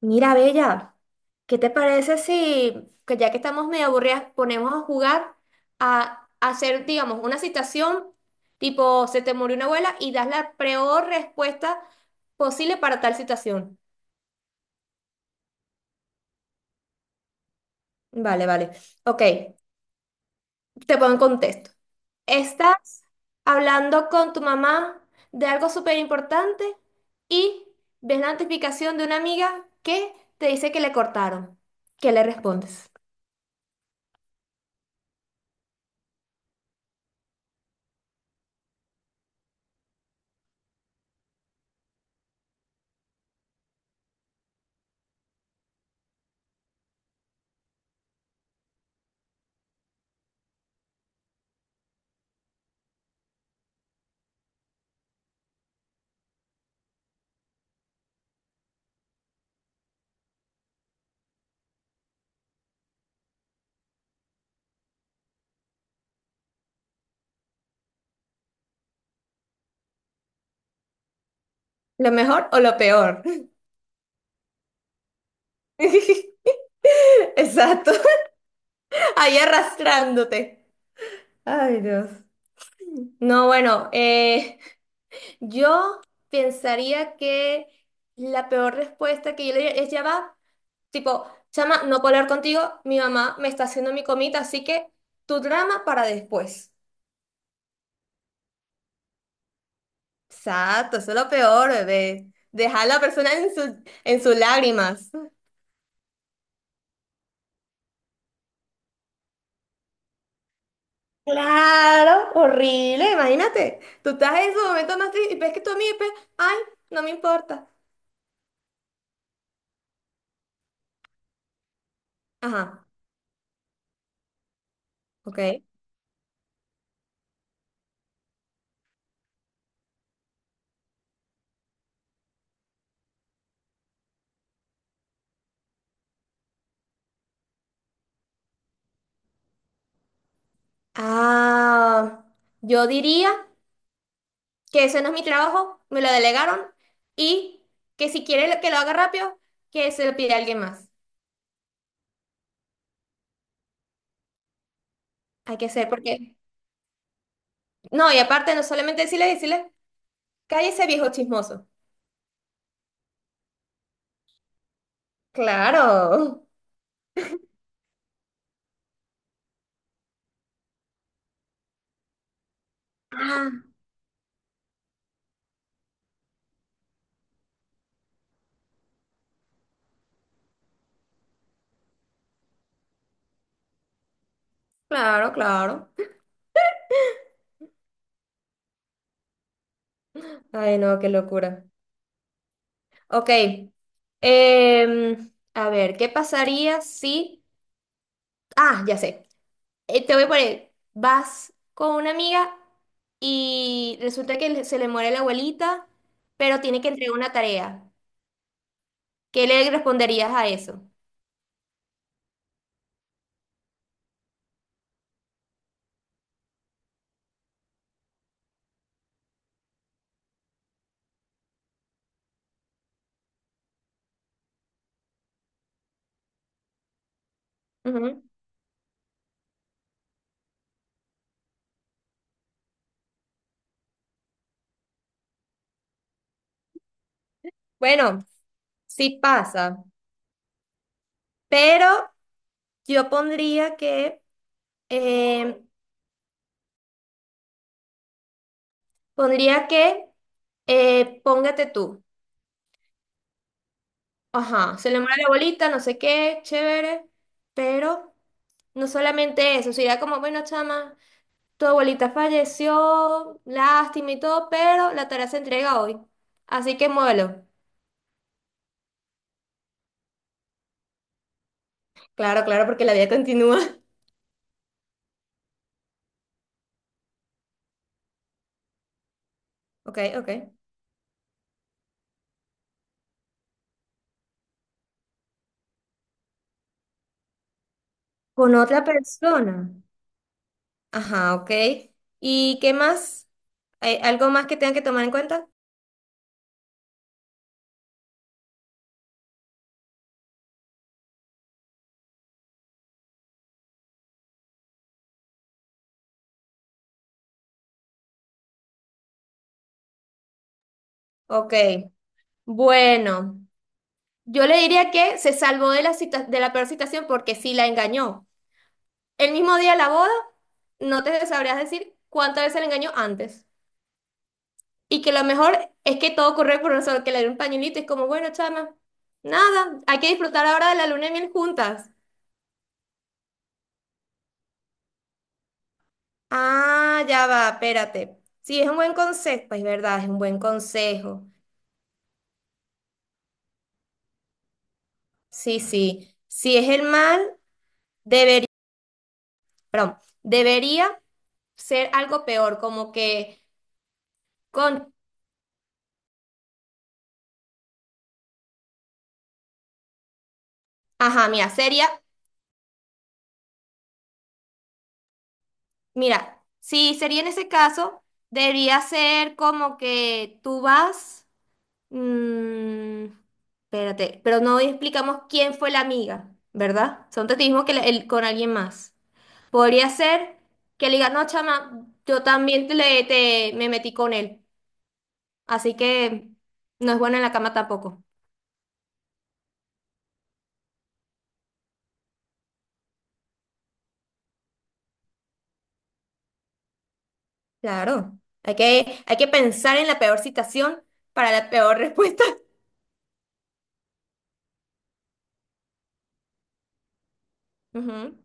Mira, Bella, ¿qué te parece si, que ya que estamos medio aburridas, ponemos a jugar a, hacer, digamos, una citación tipo, se te murió una abuela y das la peor respuesta posible para tal situación? Vale. Ok, te pongo en contexto. Estás hablando con tu mamá de algo súper importante y ves la notificación de una amiga que te dice que le cortaron. ¿Qué le respondes? ¿Lo mejor o lo peor? Exacto, ahí arrastrándote. Ay, Dios. No, bueno, yo pensaría que la peor respuesta que yo le diría es ya va, tipo, chama, no puedo hablar contigo, mi mamá me está haciendo mi comida, así que tu drama para después. Exacto, eso es lo peor, bebé. Dejar a la persona en en sus lágrimas. Claro, horrible, imagínate. Tú estás en su momento más triste y ves que tu amigo, y ves, ay, no me importa. Ajá, ok. Ah, yo diría que ese no es mi trabajo, me lo delegaron y que si quiere que lo haga rápido, que se lo pida a alguien más. Hay que ser porque... No, y aparte no solamente decirle, cállese viejo chismoso. Claro. Ah, claro. Ay, no, qué locura. Ok. A ver, ¿qué pasaría si... Ah, ya sé. Te voy a poner, vas con una amiga y resulta que se le muere la abuelita, pero tiene que entregar una tarea. ¿Qué le responderías a eso? Ujú. Bueno, sí pasa, pero yo pondría que, eh, pondría que, póngate tú. Ajá, se le muere la abuelita, no sé qué, chévere, pero no solamente eso, sería como, bueno, chama. Tu abuelita falleció, lástima y todo, pero la tarea se entrega hoy. Así que muévelo. Claro, claro, porque la vida continúa. Ok. Con otra persona. Ajá, ok. ¿Y qué más? ¿Hay algo más que tengan que tomar en cuenta? Ok. Bueno, yo le diría que se salvó de la de la peor situación porque sí la engañó. El mismo día de la boda, no te sabrías decir cuántas veces la engañó antes. Y que lo mejor es que todo ocurre por nosotros, que le dé un pañuelito, es como, bueno, chama, nada, hay que disfrutar ahora de la luna de miel juntas. Ah, ya va, espérate. Sí, es un buen consejo, es verdad, es un buen consejo. Sí, sí. Si es el mal, debería, perdón, debería ser algo peor, como que con, ajá, mira, mira, si sería en ese caso, debería ser como que tú vas. Mm, Espérate, pero no explicamos quién fue la amiga, ¿verdad? Son testigos que con alguien más. Podría ser que le diga, no, chama, yo también me metí con él, así que no es bueno en la cama tampoco. Claro, hay que pensar en la peor situación para la peor respuesta. Ujú,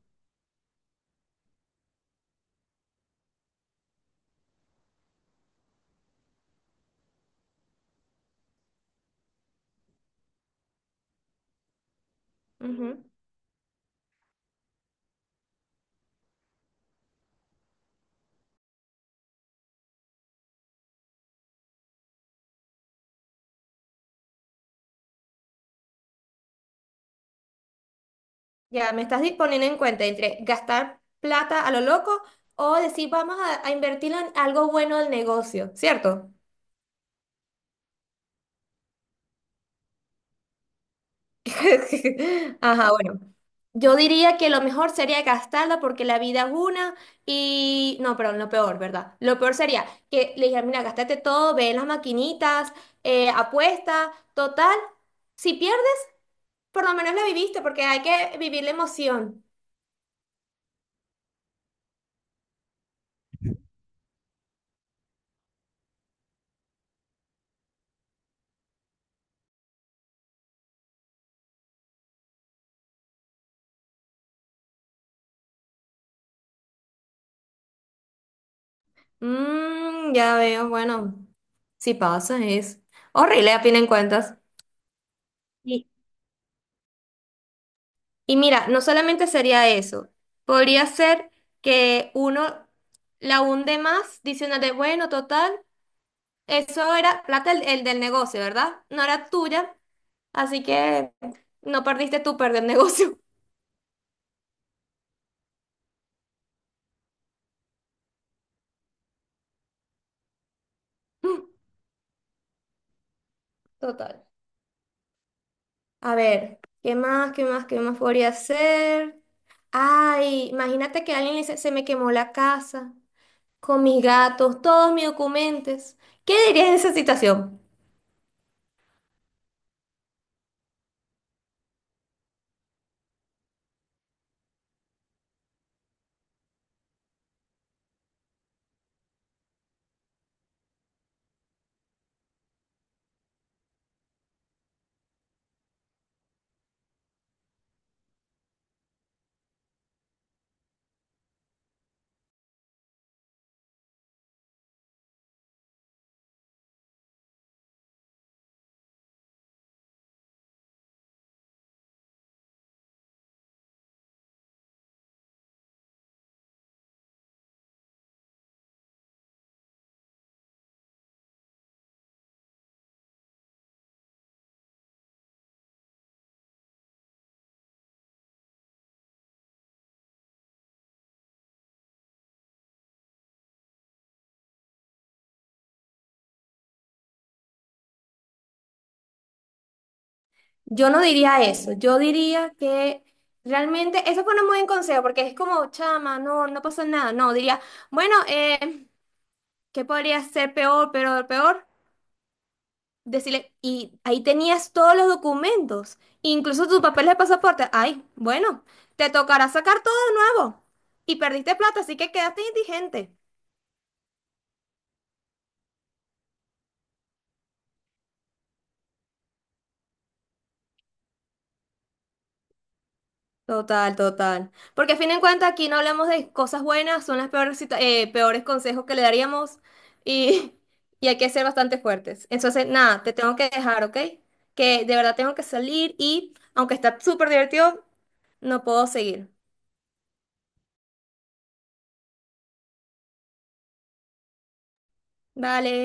ujú. Ya, me estás disponiendo en cuenta entre gastar plata a lo loco o decir, vamos a invertirlo en algo bueno del negocio, ¿cierto? Ajá, bueno. Yo diría que lo mejor sería gastarla porque la vida es una y... No, perdón, lo peor, ¿verdad? Lo peor sería que le dijera, mira, gastate todo, ve en las maquinitas, apuesta, total. Si pierdes, por lo menos la viviste porque hay que vivir la emoción. Ya veo, bueno, si pasa es horrible a fin de cuentas. Sí. Y mira, no solamente sería eso, podría ser que uno la hunde más diciéndote, bueno, total, eso era plata el del negocio, ¿verdad? No era tuya, así que no perdiste tú, perder el negocio. Total. A ver, ¿qué más podría ser? Ay, imagínate que alguien le dice, se me quemó la casa, con mis gatos, todos mis documentos. ¿Qué dirías en esa situación? Yo no diría eso, yo diría que realmente, eso fue un muy buen consejo, porque es como, chama, no, no pasó nada, no, diría, bueno, ¿qué podría ser peor? Decirle, y ahí tenías todos los documentos, incluso tus papeles de pasaporte, ay, bueno, te tocará sacar todo de nuevo, y perdiste plata, así que quedaste indigente. Total. Porque a fin de cuentas aquí no hablamos de cosas buenas, son las peores, peores consejos que le daríamos y, y hay que ser bastante fuertes. Entonces, nada, te tengo que dejar, ¿ok? Que de verdad tengo que salir y aunque está súper divertido, no puedo seguir. Vale.